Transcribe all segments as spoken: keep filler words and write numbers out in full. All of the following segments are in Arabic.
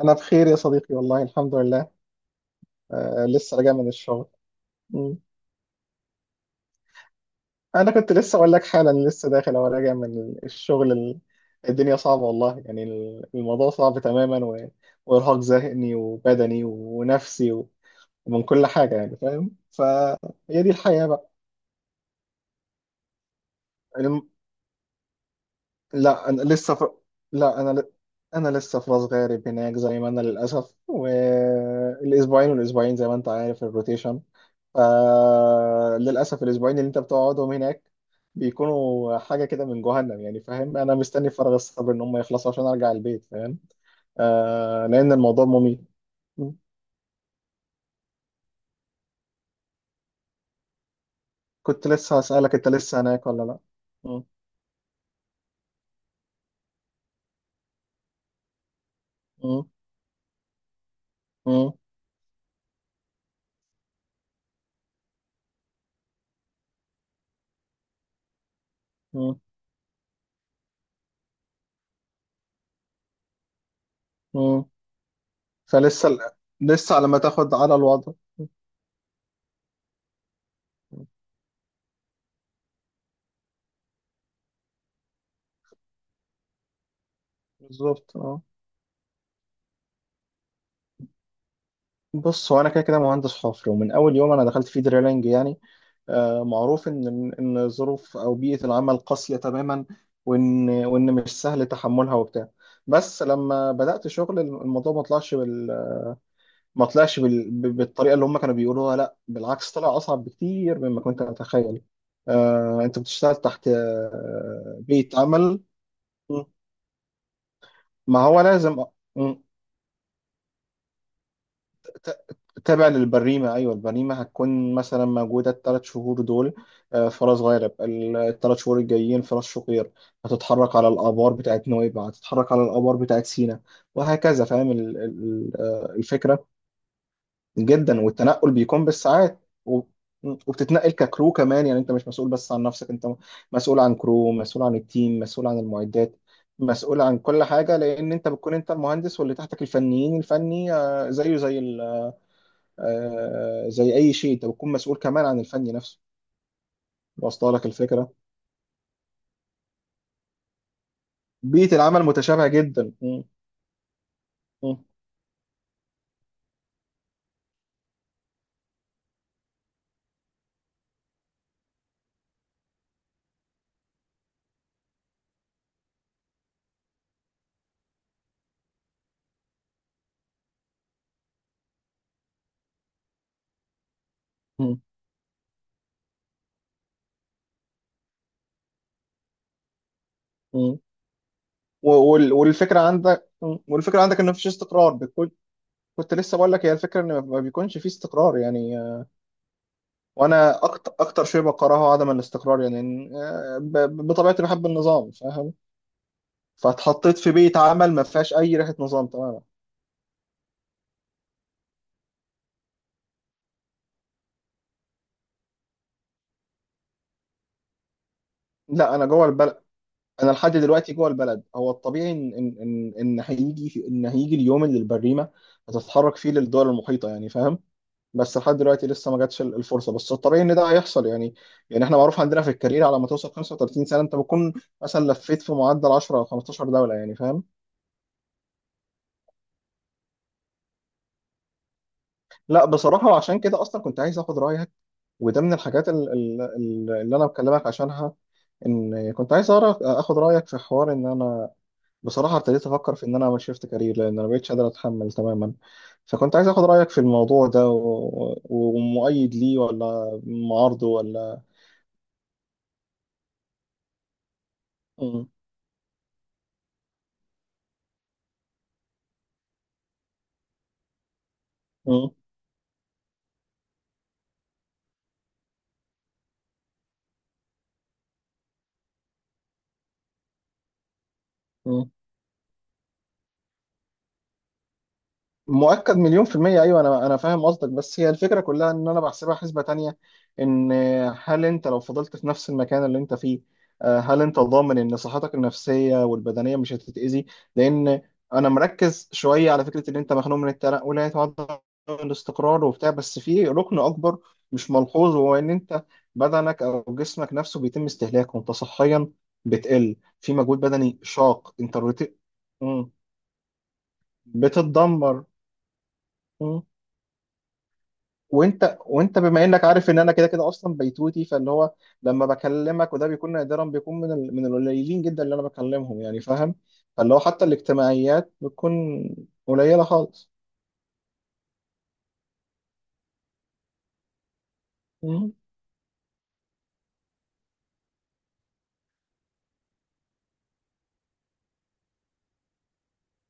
أنا بخير يا صديقي، والله الحمد لله. آه، لسه راجع من الشغل. مم. أنا كنت لسه أقول لك حالا، لسه داخل أو راجع من الشغل. ال- الدنيا صعبة والله، يعني ال- الموضوع صعب تماما و... وإرهاق ذهني وبدني ونفسي و... ومن كل حاجة، يعني فاهم. فهي دي الحياة بقى. الم... لا أنا لسه في... لا أنا ل... أنا لسه في راس غارب هناك، زي ما أنا للأسف. والأسبوعين والأسبوعين، زي ما أنت عارف، الروتيشن. فللأسف الأسبوعين اللي أنت بتقعدهم هناك بيكونوا حاجة كده من جهنم، يعني فاهم. أنا مستني فارغ الصبر إن هم يخلصوا عشان أرجع البيت، فاهم. آه، لأن الموضوع مميت. م. كنت لسه هسألك، أنت لسه هناك ولا لأ؟ م. م. م. م. م. فلسه ال- لسه على ما تاخد على الوضع. بالظبط، اه. بص، هو انا كده كده مهندس حفر، ومن اول يوم انا دخلت فيه دريلنج يعني. آه، معروف ان ان ظروف او بيئه العمل قاسيه تماما، وان وان مش سهل تحملها وبتاع. بس لما بدات شغل، الموضوع ما طلعش بال... ما طلعش بال... ب- بالطريقه اللي هم كانوا بيقولوها. لا، بالعكس، طلع اصعب بكتير مما كنت اتخيل. آه، انت بتشتغل تحت آه، بيئه عمل. ما هو لازم، تابع للبريمة. أيوة، البريمة هتكون مثلا موجودة الثلاث شهور دول آه، فرس غارب، الثلاث شهور الجايين فرس شقير. هتتحرك على الآبار بتاعت نويبع، هتتحرك على الآبار بتاعت سينا، وهكذا، فاهم ال- ال- آه، الفكرة. جدا، والتنقل بيكون بالساعات. و- وبتتنقل ككرو كمان، يعني أنت مش مسؤول بس عن نفسك. أنت مسؤول عن كرو، مسؤول عن التيم، مسؤول عن المعدات، مسؤول عن كل حاجة، لأن أنت بتكون أنت المهندس، واللي تحتك الفنيين. الفني آه، زيه زي آه، زي اي شيء. انت بتكون مسؤول كمان عن الفن نفسه. واصله لك الفكره. بيئه العمل متشابهه جدا. م- م- م- م. و- وال- والفكره عندك. م. والفكره عندك ان مفيش استقرار بكل. كنت لسه بقول لك، هي الفكره ان ما بيكونش في استقرار، يعني آه. وانا اكتر اكتر شيء بكرهه عدم الاستقرار، يعني آه، ب- ب- بطبيعتي بحب النظام، فاهم. فاتحطيت في بيئه عمل ما فيهاش اي ريحه نظام تماما. لا، انا جوه البلد. انا لحد دلوقتي جوه البلد. هو الطبيعي ان ان ان إن هيجي في ان هيجي اليوم اللي البريمه هتتحرك فيه للدول المحيطه، يعني فاهم. بس لحد دلوقتي لسه ما جاتش ال- الفرصه، بس الطبيعي ان ده هيحصل، يعني. يعني احنا معروف عندنا في الكارير، على ما توصل خمسة وثلاثين سنة سنه انت بتكون مثلا لفيت في معدل عشر او خمسة عشر دوله، يعني فاهم. لا، بصراحه عشان كده اصلا كنت عايز اخد رايك، وده من الحاجات ال- ال- ال- اللي انا بكلمك عشانها، ان كنت عايز اعرف اخد رايك في حوار ان انا بصراحة ابتديت أفكر في إن أنا أعمل شيفت كارير، لأن أنا مبقتش قادر أتحمل تماما. فكنت عايز آخد رأيك في الموضوع ده و... ومؤيد ليه ولا معارضه ولا. مم. مم. مؤكد مليون في المية، أيوة. أنا أنا فاهم قصدك، بس هي الفكرة كلها إن أنا بحسبها حسبة تانية. إن هل أنت لو فضلت في نفس المكان اللي أنت فيه آه، هل أنت ضامن إن صحتك النفسية والبدنية مش هتتأذي؟ لأن أنا مركز شوية على فكرة إن أنت مخنوق من التنقلات وعدم الاستقرار وبتاع، بس في ركن أكبر مش ملحوظ، وهو إن أنت بدنك أو جسمك نفسه بيتم استهلاكه. أنت صحيا بتقل، في مجهود بدني شاق. أنت روتين بتتدمر. وانت وانت بما انك عارف ان انا كده كده اصلا بيتوتي، فاللي هو لما بكلمك وده بيكون نادرا، بيكون من ال... من القليلين جدا اللي انا بكلمهم، يعني فاهم. فاللي هو حتى الاجتماعيات بتكون قليله خالص. مم.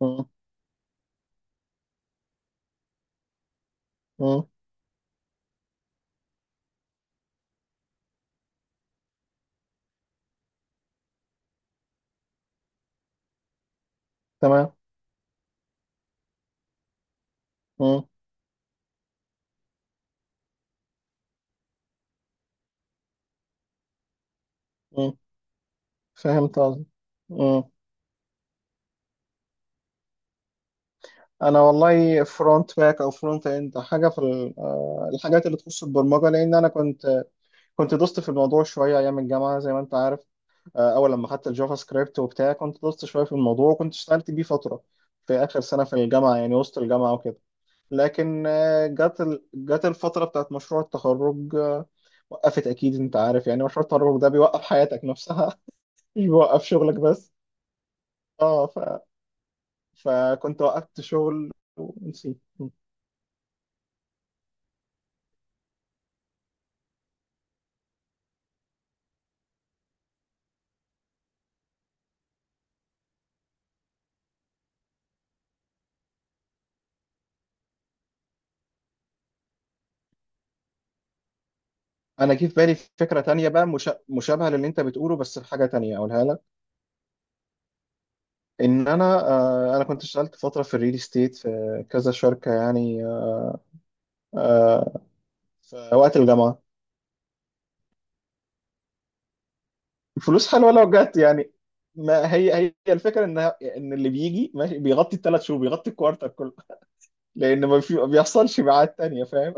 مم. مم. تمام. مم. مم. فهمت قصدي. انا والله، فرونت باك او فرونت اند، حاجه في ال- آه، الحاجات اللي تخص البرمجه، لان انا كنت كنت دوست في الموضوع شويه ايام الجامعه، زي ما انت عارف. آه، اول لما خدت الجافا سكريبت وبتاع، كنت دوست شويه في الموضوع، وكنت اشتغلت بيه فتره في اخر سنه في الجامعه، يعني وسط الجامعه وكده. لكن آه، جت ال- جت الفتره بتاعت مشروع التخرج آه، وقفت. اكيد انت عارف يعني، مشروع التخرج ده بيوقف حياتك نفسها مش بيوقف شغلك بس. اه ف... فكنت وقفت شغل ونسيت. انا جه في بالي فكره تانية بقى، مشا- مشابهه للي انت بتقوله، بس في حاجه تانية اقولها لك. ان انا آه، انا كنت اشتغلت فتره في الريل استيت في كذا شركه، يعني آه، في وقت الجامعه. الفلوس حلوه لو جت، يعني. ما هي هي الفكره، ان ان اللي بيجي ماشي بيغطي الثلاث شهور، بيغطي الكوارتر كله، لان ما في ما بيحصلش ميعاد تانية، فاهم.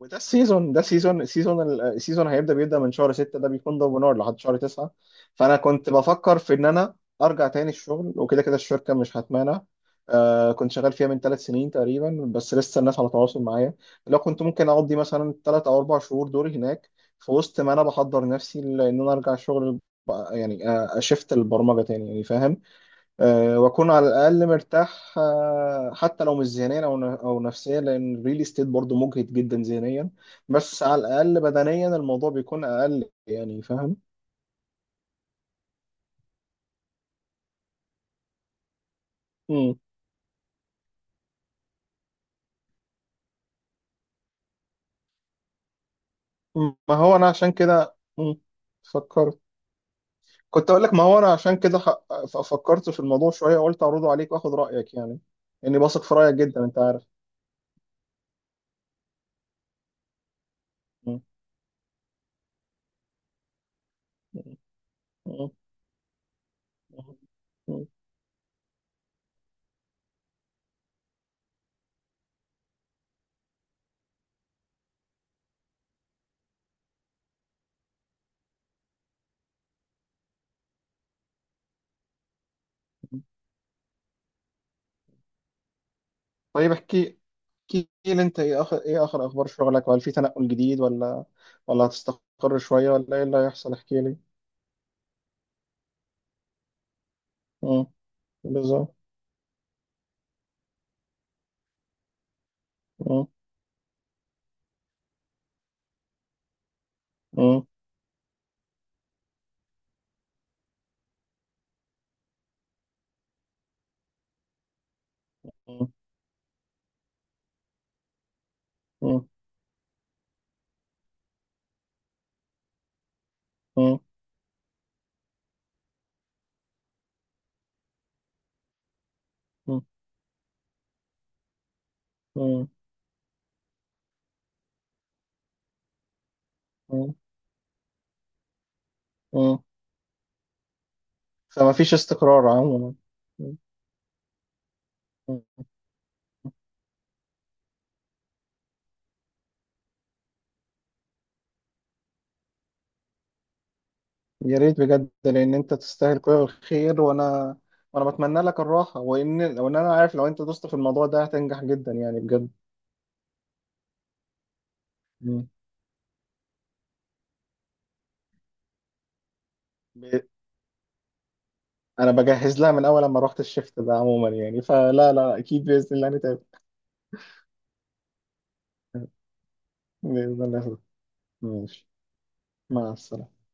وده السيزون، ده السيزون السيزون السيزون هيبدا بيبدا من شهر ستة، ده بيكون ضرب نار لحد شهر تسعة. فانا كنت بفكر في ان انا ارجع تاني الشغل، وكده كده الشركه مش هتمانع. آه، كنت شغال فيها من ثلاث سنين تقريبا، بس لسه الناس على تواصل معايا. لو كنت ممكن اقضي مثلا ثلاث او اربع شهور دوري هناك، في وسط ما انا بحضر نفسي لان انا ارجع الشغل بقى- يعني آه، اشفت البرمجه تاني، يعني فاهم. آه، واكون على الاقل مرتاح آه، حتى لو مش ذهنيا او او نفسيا، لان الريل استيت برضه مجهد جدا ذهنيا، بس على الاقل بدنيا الموضوع بيكون اقل، يعني فاهم. مم. مم. ما هو انا عشان كده مم. فكرت. كنت اقول لك، ما هو انا عشان كده ح- ف- فكرت في الموضوع شويه، وقلت اعرضه عليك واخد رايك، يعني اني بثق في رايك جدا، انت عارف. مم. مم. مم. مم. طيب، احكي، احكي لي انت، ايه اخر ايه اخر اخبار شغلك، وهل في تنقل جديد، ولا ولا هتستقر شويه، ولا ايه اللي هيحصل، احكي لي. مم. بالظبط. مم. مم. مم. مم. مم. مم. مم. مم. فما فيش استقرار عموما. مم. مم. يا ريت بجد، لان انت تستاهل كل الخير. وانا وانا بتمنى لك الراحه، وان وان انا عارف لو انت دوست في الموضوع ده هتنجح جدا، يعني بجد. مم. ب... انا بجهز لها من اول لما رحت الشفت ده عموما، يعني فلا لا اكيد باذن الله نتقابل. بإذن الله. ماشي. مع السلامة.